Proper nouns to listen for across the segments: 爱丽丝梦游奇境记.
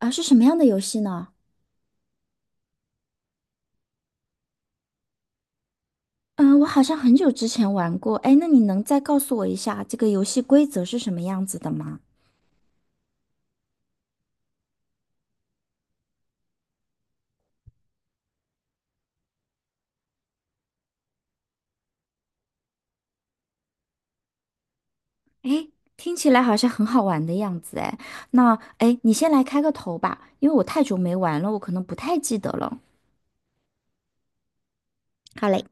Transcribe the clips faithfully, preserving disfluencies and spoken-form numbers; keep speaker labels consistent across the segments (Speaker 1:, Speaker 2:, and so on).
Speaker 1: 啊，是什么样的游戏呢？嗯，我好像很久之前玩过。哎，那你能再告诉我一下这个游戏规则是什么样子的吗？哎，听起来好像很好玩的样子。哎，那哎，你先来开个头吧，因为我太久没玩了，我可能不太记得了。好嘞，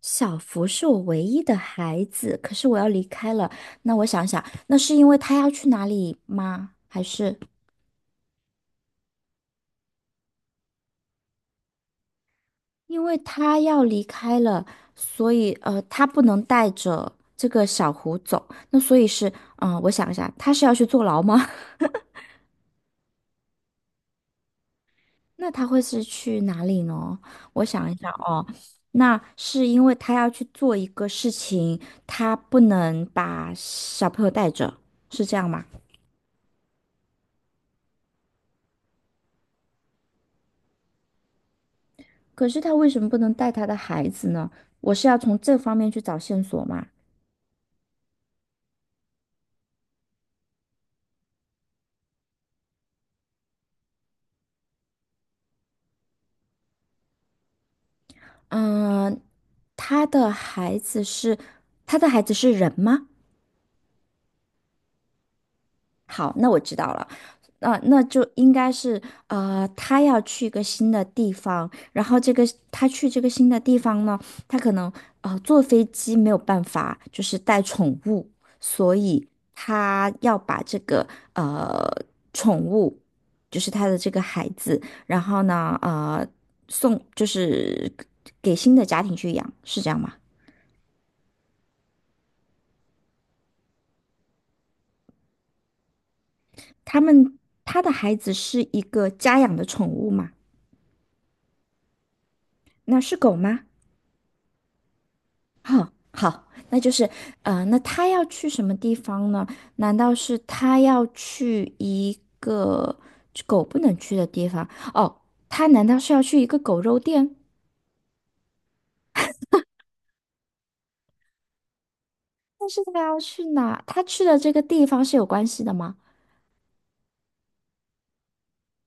Speaker 1: 小福是我唯一的孩子，可是我要离开了。那我想想，那是因为他要去哪里吗？还是？因为他要离开了，所以呃，他不能带着这个小胡走。那所以是，嗯、我想一下，他是要去坐牢吗？那他会是去哪里呢？我想一下哦，那是因为他要去做一个事情，他不能把小朋友带着，是这样吗？可是他为什么不能带他的孩子呢？我是要从这方面去找线索嘛？嗯、他的孩子是，他的孩子是人吗？好，那我知道了。那、那就应该是呃，他要去一个新的地方，然后这个他去这个新的地方呢，他可能呃坐飞机没有办法，就是带宠物，所以他要把这个呃宠物，就是他的这个孩子，然后呢呃送就是给新的家庭去养，是这样吗？他们他的孩子是一个家养的宠物吗？那是狗吗？哼，好，那就是，呃，那他要去什么地方呢？难道是他要去一个狗不能去的地方？哦，他难道是要去一个狗肉店？但是他要去哪？他去的这个地方是有关系的吗？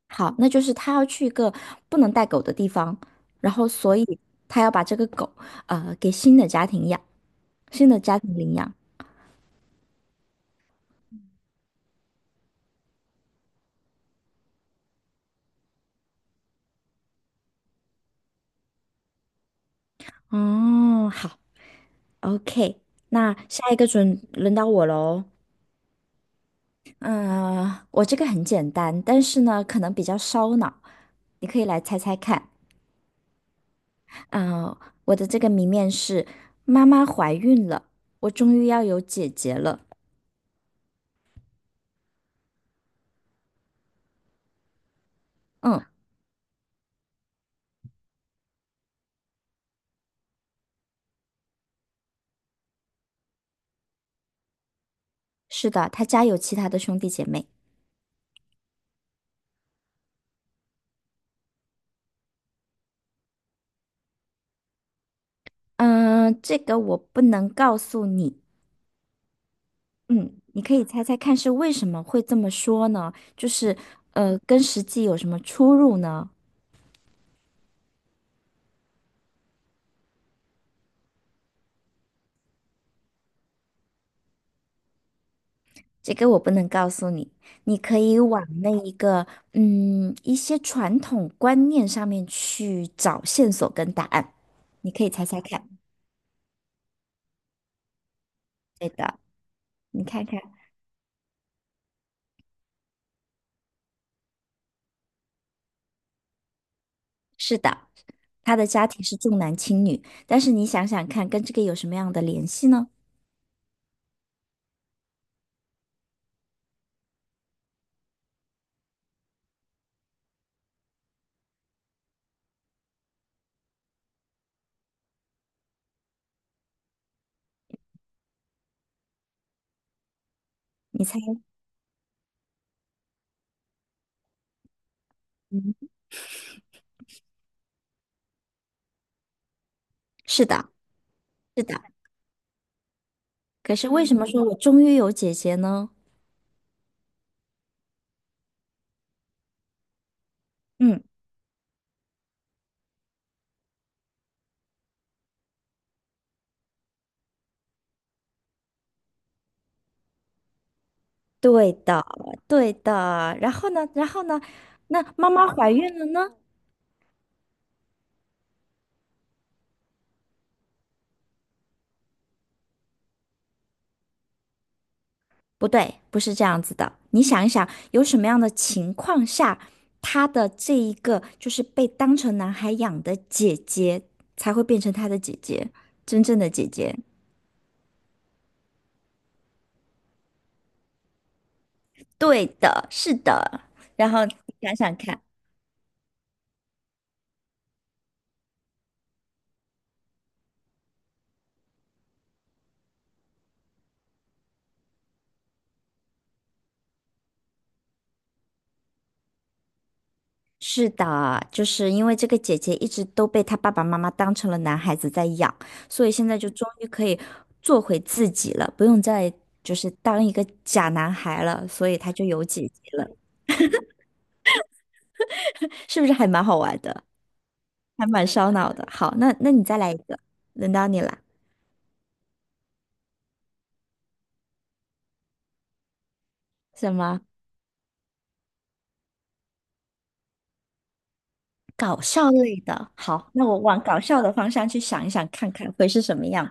Speaker 1: 好，那就是他要去一个不能带狗的地方，然后所以他要把这个狗，呃，给新的家庭养，新的家庭领养。哦，好，OK，那下一个准轮到我喽。嗯，我这个很简单，但是呢，可能比较烧脑，你可以来猜猜看。嗯，我的这个谜面是：妈妈怀孕了，我终于要有姐姐了。嗯，是的，她家有其他的兄弟姐妹。嗯，这个我不能告诉你。嗯，你可以猜猜看是为什么会这么说呢？就是呃，跟实际有什么出入呢？这个我不能告诉你，你可以往那一个嗯一些传统观念上面去找线索跟答案，你可以猜猜看。对的，你看看，是的，他的家庭是重男轻女，但是你想想看，跟这个有什么样的联系呢？你猜，嗯，是的，是的。可是为什么说我终于有姐姐呢？嗯，对的，对的。然后呢，然后呢，那妈妈怀孕了呢？不对，不是这样子的。你想一想，有什么样的情况下，他的这一个就是被当成男孩养的姐姐，才会变成他的姐姐，真正的姐姐？对的，是的。然后你想想看，是的，就是因为这个姐姐一直都被他爸爸妈妈当成了男孩子在养，所以现在就终于可以做回自己了，不用再就是当一个假男孩了，所以他就有姐姐了，是不是还蛮好玩的？还蛮烧脑的。好，那那你再来一个，轮到你了。什么搞笑类的？好，那我往搞笑的方向去想一想，看看会是什么样。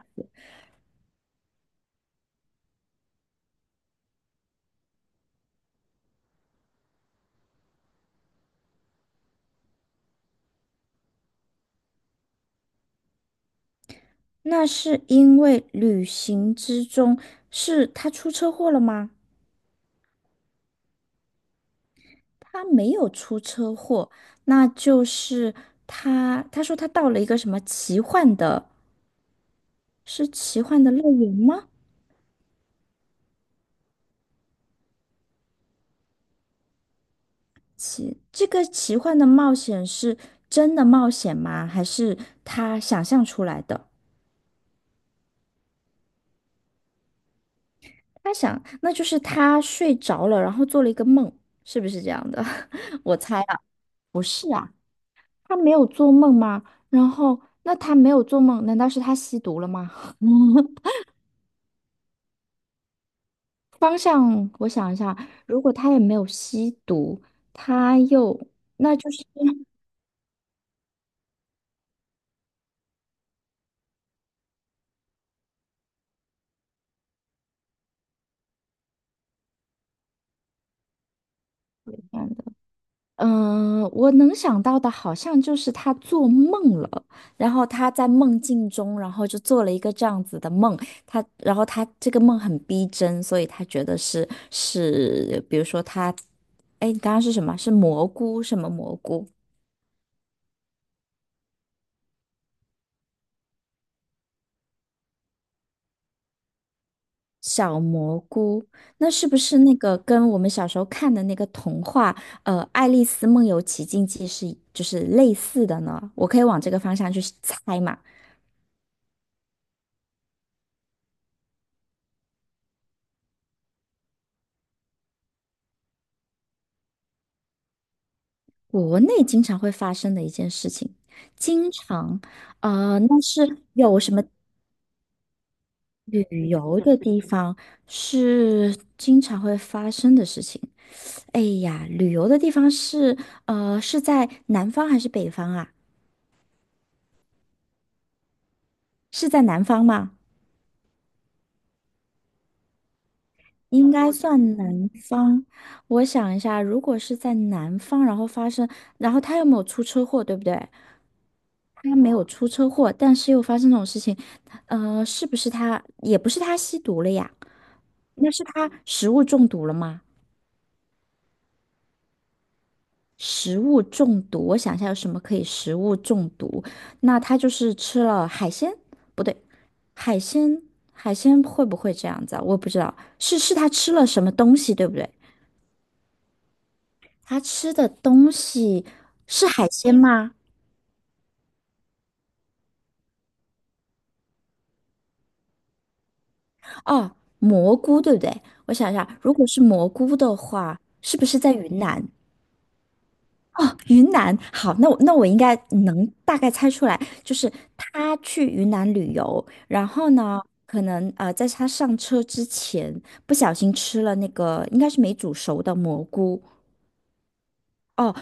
Speaker 1: 那是因为旅行之中是他出车祸了吗？他没有出车祸，那就是他他说他到了一个什么奇幻的，是奇幻的乐园吗？奇，这个奇幻的冒险是真的冒险吗？还是他想象出来的？他想，那就是他睡着了，然后做了一个梦，是不是这样的？我猜啊，他没有做梦吗？然后，那他没有做梦，难道是他吸毒了吗？嗯方向，我想一下，如果他也没有吸毒，他又，那就是这样的。嗯，呃我能想到的好像就是他做梦了，然后他在梦境中，然后就做了一个这样子的梦，他，然后他这个梦很逼真，所以他觉得是是，比如说他，哎，你刚刚是什么？是蘑菇，什么蘑菇？小蘑菇，那是不是那个跟我们小时候看的那个童话，呃，《爱丽丝梦游奇境记》是就是类似的呢？我可以往这个方向去猜嘛？国内经常会发生的一件事情，经常，呃，那是有什么旅游的地方是经常会发生的事情？哎呀，旅游的地方是，呃，是在南方还是北方啊？是在南方吗？应该算南方。我想一下，如果是在南方，然后发生，然后他又没有出车祸，对不对？他没有出车祸，但是又发生这种事情，呃，是不是他，也不是他吸毒了呀？那是他食物中毒了吗？食物中毒，我想一下有什么可以食物中毒？那他就是吃了海鲜，不对，海鲜，海鲜会不会这样子啊？我不知道，是是他吃了什么东西，对不对？他吃的东西是海鲜吗？哦，蘑菇，对不对？我想一下，如果是蘑菇的话，是不是在云南？哦，云南，好，那我那我应该能大概猜出来，就是他去云南旅游，然后呢，可能呃，在他上车之前不小心吃了那个应该是没煮熟的蘑菇。哦，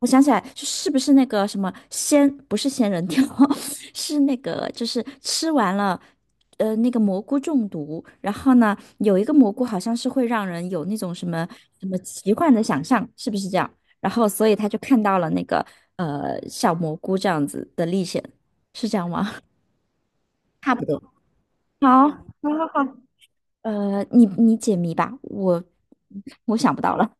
Speaker 1: 我想起来，就是不是那个什么仙，不是仙人跳，是那个就是吃完了。呃那个蘑菇中毒，然后呢，有一个蘑菇好像是会让人有那种什么什么奇幻的想象，是不是这样？然后所以他就看到了那个呃小蘑菇这样子的历险，是这样吗？差不多。好，呃，你你解谜吧，我我想不到了。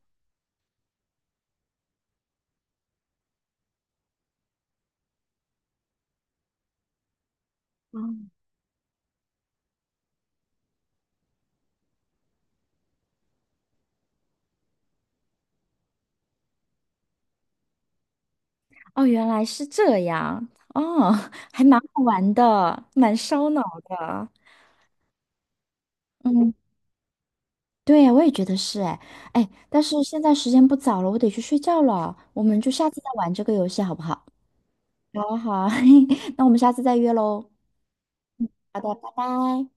Speaker 1: 哦，原来是这样，哦，还蛮好玩的，蛮烧脑的。嗯对呀，我也觉得是哎哎，但是现在时间不早了，我得去睡觉了。我们就下次再玩这个游戏好不好？好啊，好啊，那我们下次再约喽。好的，拜拜。